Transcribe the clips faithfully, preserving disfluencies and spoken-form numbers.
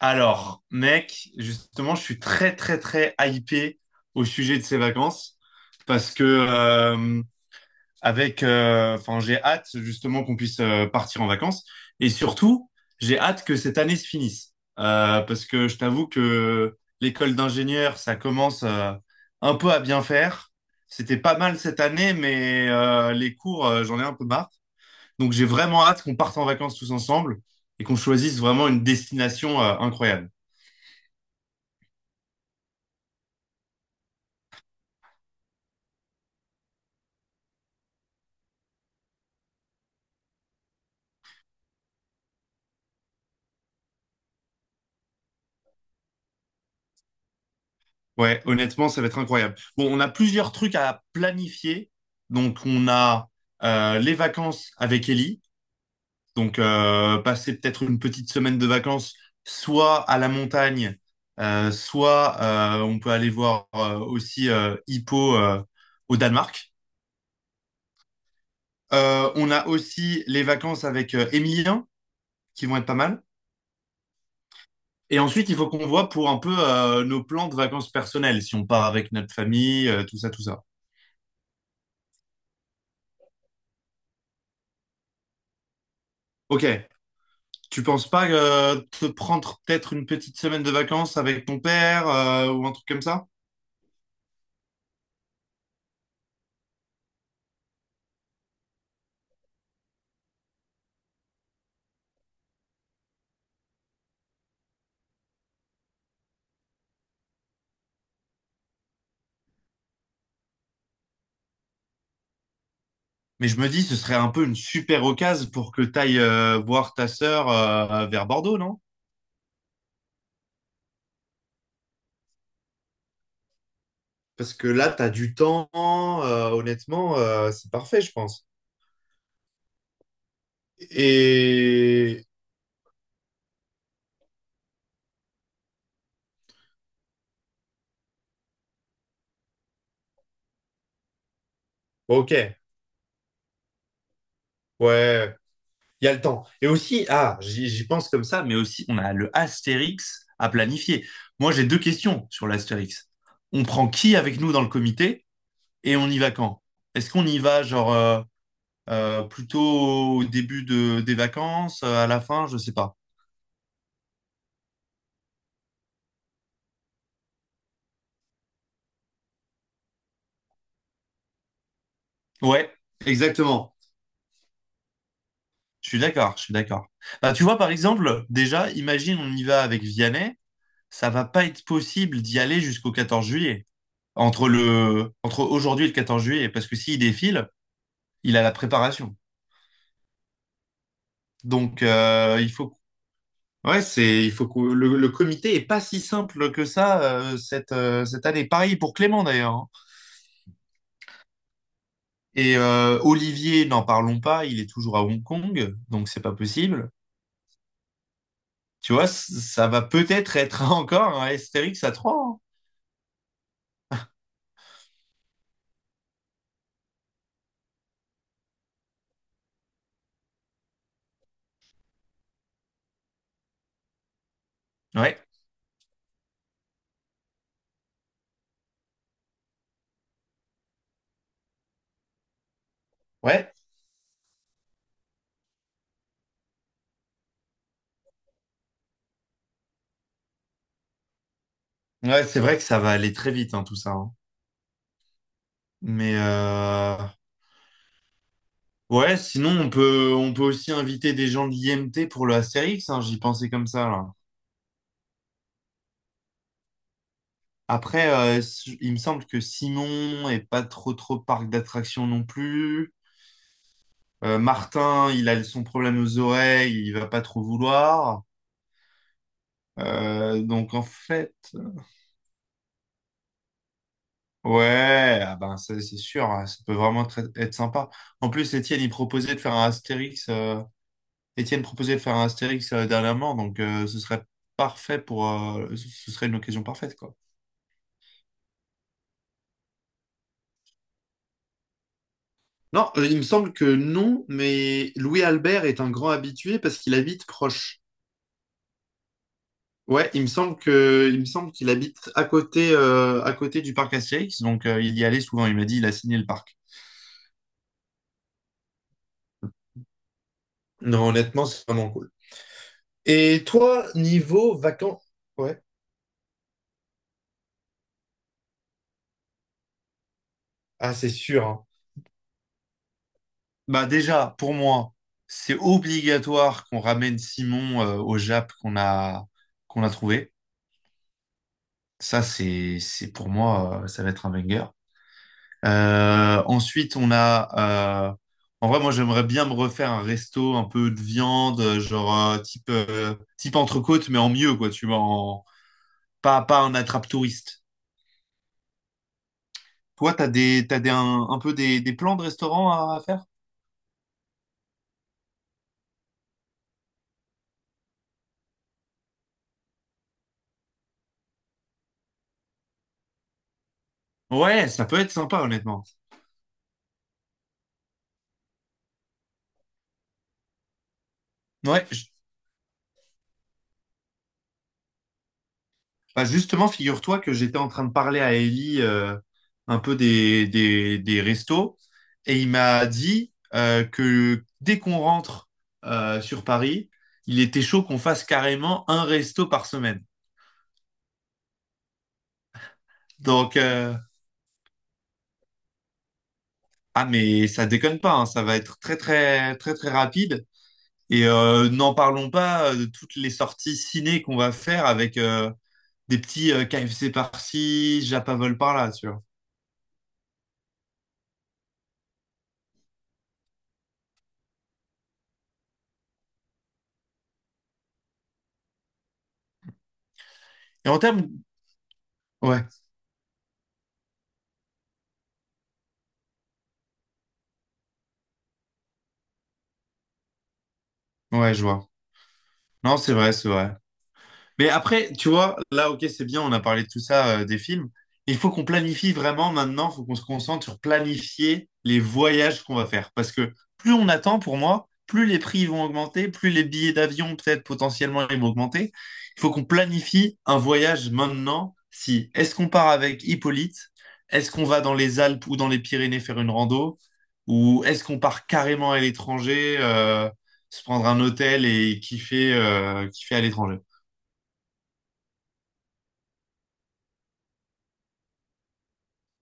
Alors, mec, justement, je suis très, très, très hypé au sujet de ces vacances parce que, euh, avec, euh, enfin, j'ai hâte justement qu'on puisse euh, partir en vacances et surtout, j'ai hâte que cette année se finisse. Euh, parce que je t'avoue que l'école d'ingénieur, ça commence euh, un peu à bien faire. C'était pas mal cette année, mais euh, les cours, euh, j'en ai un peu marre. Donc, j'ai vraiment hâte qu'on parte en vacances tous ensemble et qu'on choisisse vraiment une destination euh, incroyable. Ouais, honnêtement, ça va être incroyable. Bon, on a plusieurs trucs à planifier. Donc, on a euh, les vacances avec Ellie. Donc, euh, passer peut-être une petite semaine de vacances, soit à la montagne, euh, soit euh, on peut aller voir euh, aussi euh, Hippo euh, au Danemark. Euh, on a aussi les vacances avec euh, Emilien, qui vont être pas mal. Et ensuite, il faut qu'on voit pour un peu euh, nos plans de vacances personnelles, si on part avec notre famille, euh, tout ça, tout ça. Ok. Tu penses pas euh, te prendre peut-être une petite semaine de vacances avec ton père euh, ou un truc comme ça? Mais je me dis, ce serait un peu une super occasion pour que tu ailles voir ta sœur euh, vers Bordeaux, non? Parce que là, tu as du temps, euh, honnêtement, euh, c'est parfait, je pense. Et ok. Ouais, il y a le temps. Et aussi, ah, j'y j'y pense comme ça, mais aussi, on a le Astérix à planifier. Moi, j'ai deux questions sur l'Astérix. On prend qui avec nous dans le comité et on y va quand? Est-ce qu'on y va, genre, euh, euh, plutôt au début de, des vacances, euh, à la fin, je sais pas. Ouais, exactement. Je suis d'accord, je suis d'accord. Bah, tu vois, par exemple, déjà, imagine, on y va avec Vianney, ça va pas être possible d'y aller jusqu'au quatorze juillet, entre le entre aujourd'hui et le quatorze juillet, parce que s'il défile, il a la préparation. Donc euh, il faut Ouais, c'est il faut que le, le comité est pas si simple que ça euh, cette euh, cette année. Pareil pour Clément d'ailleurs, hein. Et euh, Olivier, n'en parlons pas, il est toujours à Hong Kong, donc c'est pas possible. Tu vois, c- ça va peut-être être encore un Astérix à trois, hein. Ouais. Ouais. Ouais, c'est vrai que ça va aller très vite hein, tout ça, hein. Mais euh, Ouais, sinon on peut on peut aussi inviter des gens de l'I M T pour le Astérix, hein, j'y pensais comme ça là. Après, euh, s- il me semble que Simon est pas trop trop parc d'attractions non plus. Euh, Martin, il a son problème aux oreilles, il va pas trop vouloir. Euh, donc en fait, ouais, ah ben ça c'est sûr, hein, ça peut vraiment être, être sympa. En plus, Étienne il proposait de faire un Astérix. euh, Étienne proposait de faire un Astérix euh, dernièrement, donc euh, ce serait parfait pour, euh, ce ce serait une occasion parfaite quoi. Non, euh, il me semble que non, mais Louis Albert est un grand habitué parce qu'il habite proche. Ouais, il me semble que, il me semble qu'il habite à côté, euh, à côté du parc Astérix, donc euh, il y allait souvent. Il m'a dit, il a signé le parc. Non, honnêtement, c'est vraiment cool. Et toi, niveau vacances? Ouais. Ah, c'est sûr, hein. Bah déjà, pour moi, c'est obligatoire qu'on ramène Simon euh, au Jap qu'on a qu'on a trouvé. Ça, c'est c'est pour moi, euh, ça va être un banger. Euh, ensuite, on a... euh, en vrai, moi, j'aimerais bien me refaire un resto un peu de viande, euh, genre euh, type, euh, type entrecôte, mais en mieux, quoi, tu vois, en... pas, pas un attrape-touriste. Toi, t'as des, t'as des, un, un peu des, des plans de restaurant à, à faire? Ouais, ça peut être sympa, honnêtement. Ouais, bah, justement, figure-toi que j'étais en train de parler à Ellie euh, un peu des, des, des restos et il m'a dit euh, que dès qu'on rentre euh, sur Paris, il était chaud qu'on fasse carrément un resto par semaine. Donc, euh, ah mais ça déconne pas, hein, ça va être très très très très rapide. Et euh, n'en parlons pas euh, de toutes les sorties ciné qu'on va faire avec euh, des petits euh, K F C par-ci, Japavol par-là, tu vois. Et en termes... Ouais, ouais, je vois. Non, c'est vrai, c'est vrai. Mais après, tu vois, là, ok, c'est bien, on a parlé de tout ça, euh, des films. Il faut qu'on planifie vraiment maintenant, il faut qu'on se concentre sur planifier les voyages qu'on va faire. Parce que plus on attend, pour moi, plus les prix vont augmenter, plus les billets d'avion, peut-être potentiellement, ils vont augmenter. Il faut qu'on planifie un voyage maintenant. Si, Est-ce qu'on part avec Hippolyte? Est-ce qu'on va dans les Alpes ou dans les Pyrénées faire une rando? Ou est-ce qu'on part carrément à l'étranger, euh, se prendre un hôtel et kiffer, euh, kiffer à l'étranger?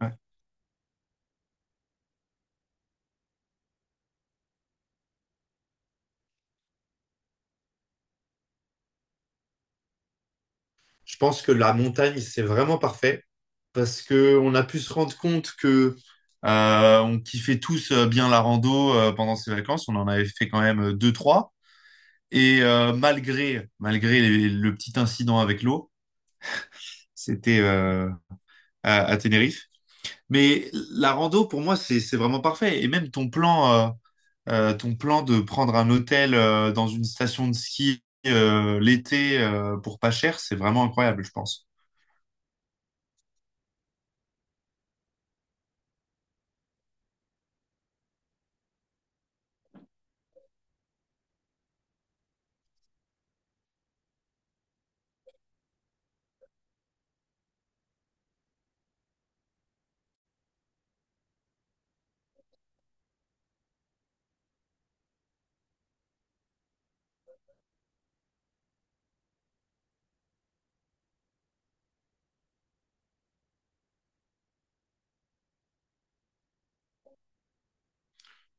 Ouais. Je pense que la montagne, c'est vraiment parfait parce que on a pu se rendre compte que euh, on kiffait tous euh, bien la rando euh, pendant ces vacances. On en avait fait quand même euh, deux, trois. Et euh, malgré malgré les- le petit incident avec l'eau, c'était euh, à, à Tenerife. Mais la rando, pour moi, c'est c'est vraiment parfait. Et même ton plan, euh, euh, ton plan de prendre un hôtel euh, dans une station de ski euh, l'été euh, pour pas cher, c'est vraiment incroyable, je pense.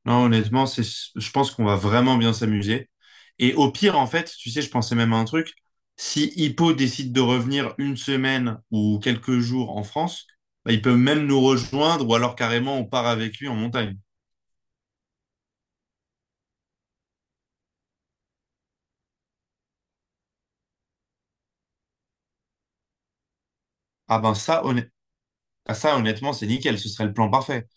Non, honnêtement, c'est, je pense qu'on va vraiment bien s'amuser. Et au pire, en fait, tu sais, je pensais même à un truc. Si Hippo décide de revenir une semaine ou quelques jours en France, bah, il peut même nous rejoindre ou alors carrément on part avec lui en montagne. Ah ben ça, honnêt- ah, ça honnêtement, c'est nickel, ce serait le plan parfait.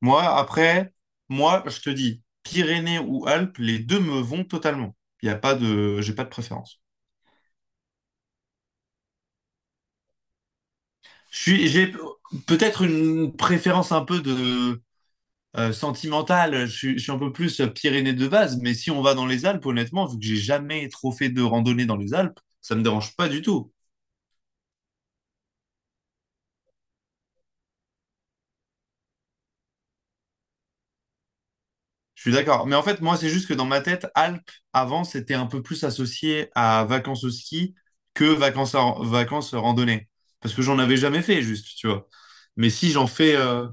Moi, après, moi, je te dis, Pyrénées ou Alpes, les deux me vont totalement. Il y a pas de, j'ai pas de préférence. Je suis, j'ai peut-être une préférence un peu de euh, sentimentale. Je suis, je suis un peu plus Pyrénées de base, mais si on va dans les Alpes, honnêtement, vu que j'ai jamais trop fait de randonnée dans les Alpes, ça me dérange pas du tout. Je suis d'accord. Mais en fait, moi, c'est juste que dans ma tête, Alpes, avant, c'était un peu plus associé à vacances au ski que vacances, à- vacances randonnées. Parce que j'en avais jamais fait, juste, tu vois. Mais si j'en fais... euh,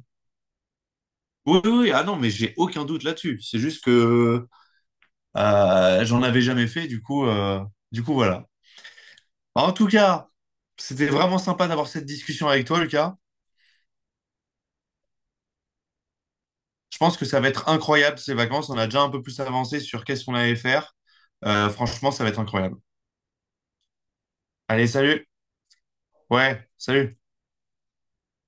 Oui, oui, oui. Ah non, mais j'ai aucun doute là-dessus. C'est juste que euh, j'en avais jamais fait, du coup, euh, du coup, voilà. En tout cas, c'était vraiment sympa d'avoir cette discussion avec toi, Lucas. Je pense que ça va être incroyable, ces vacances. On a déjà un peu plus avancé sur qu'est-ce qu'on allait faire. Euh, franchement, ça va être incroyable. Allez, salut! Ouais, salut.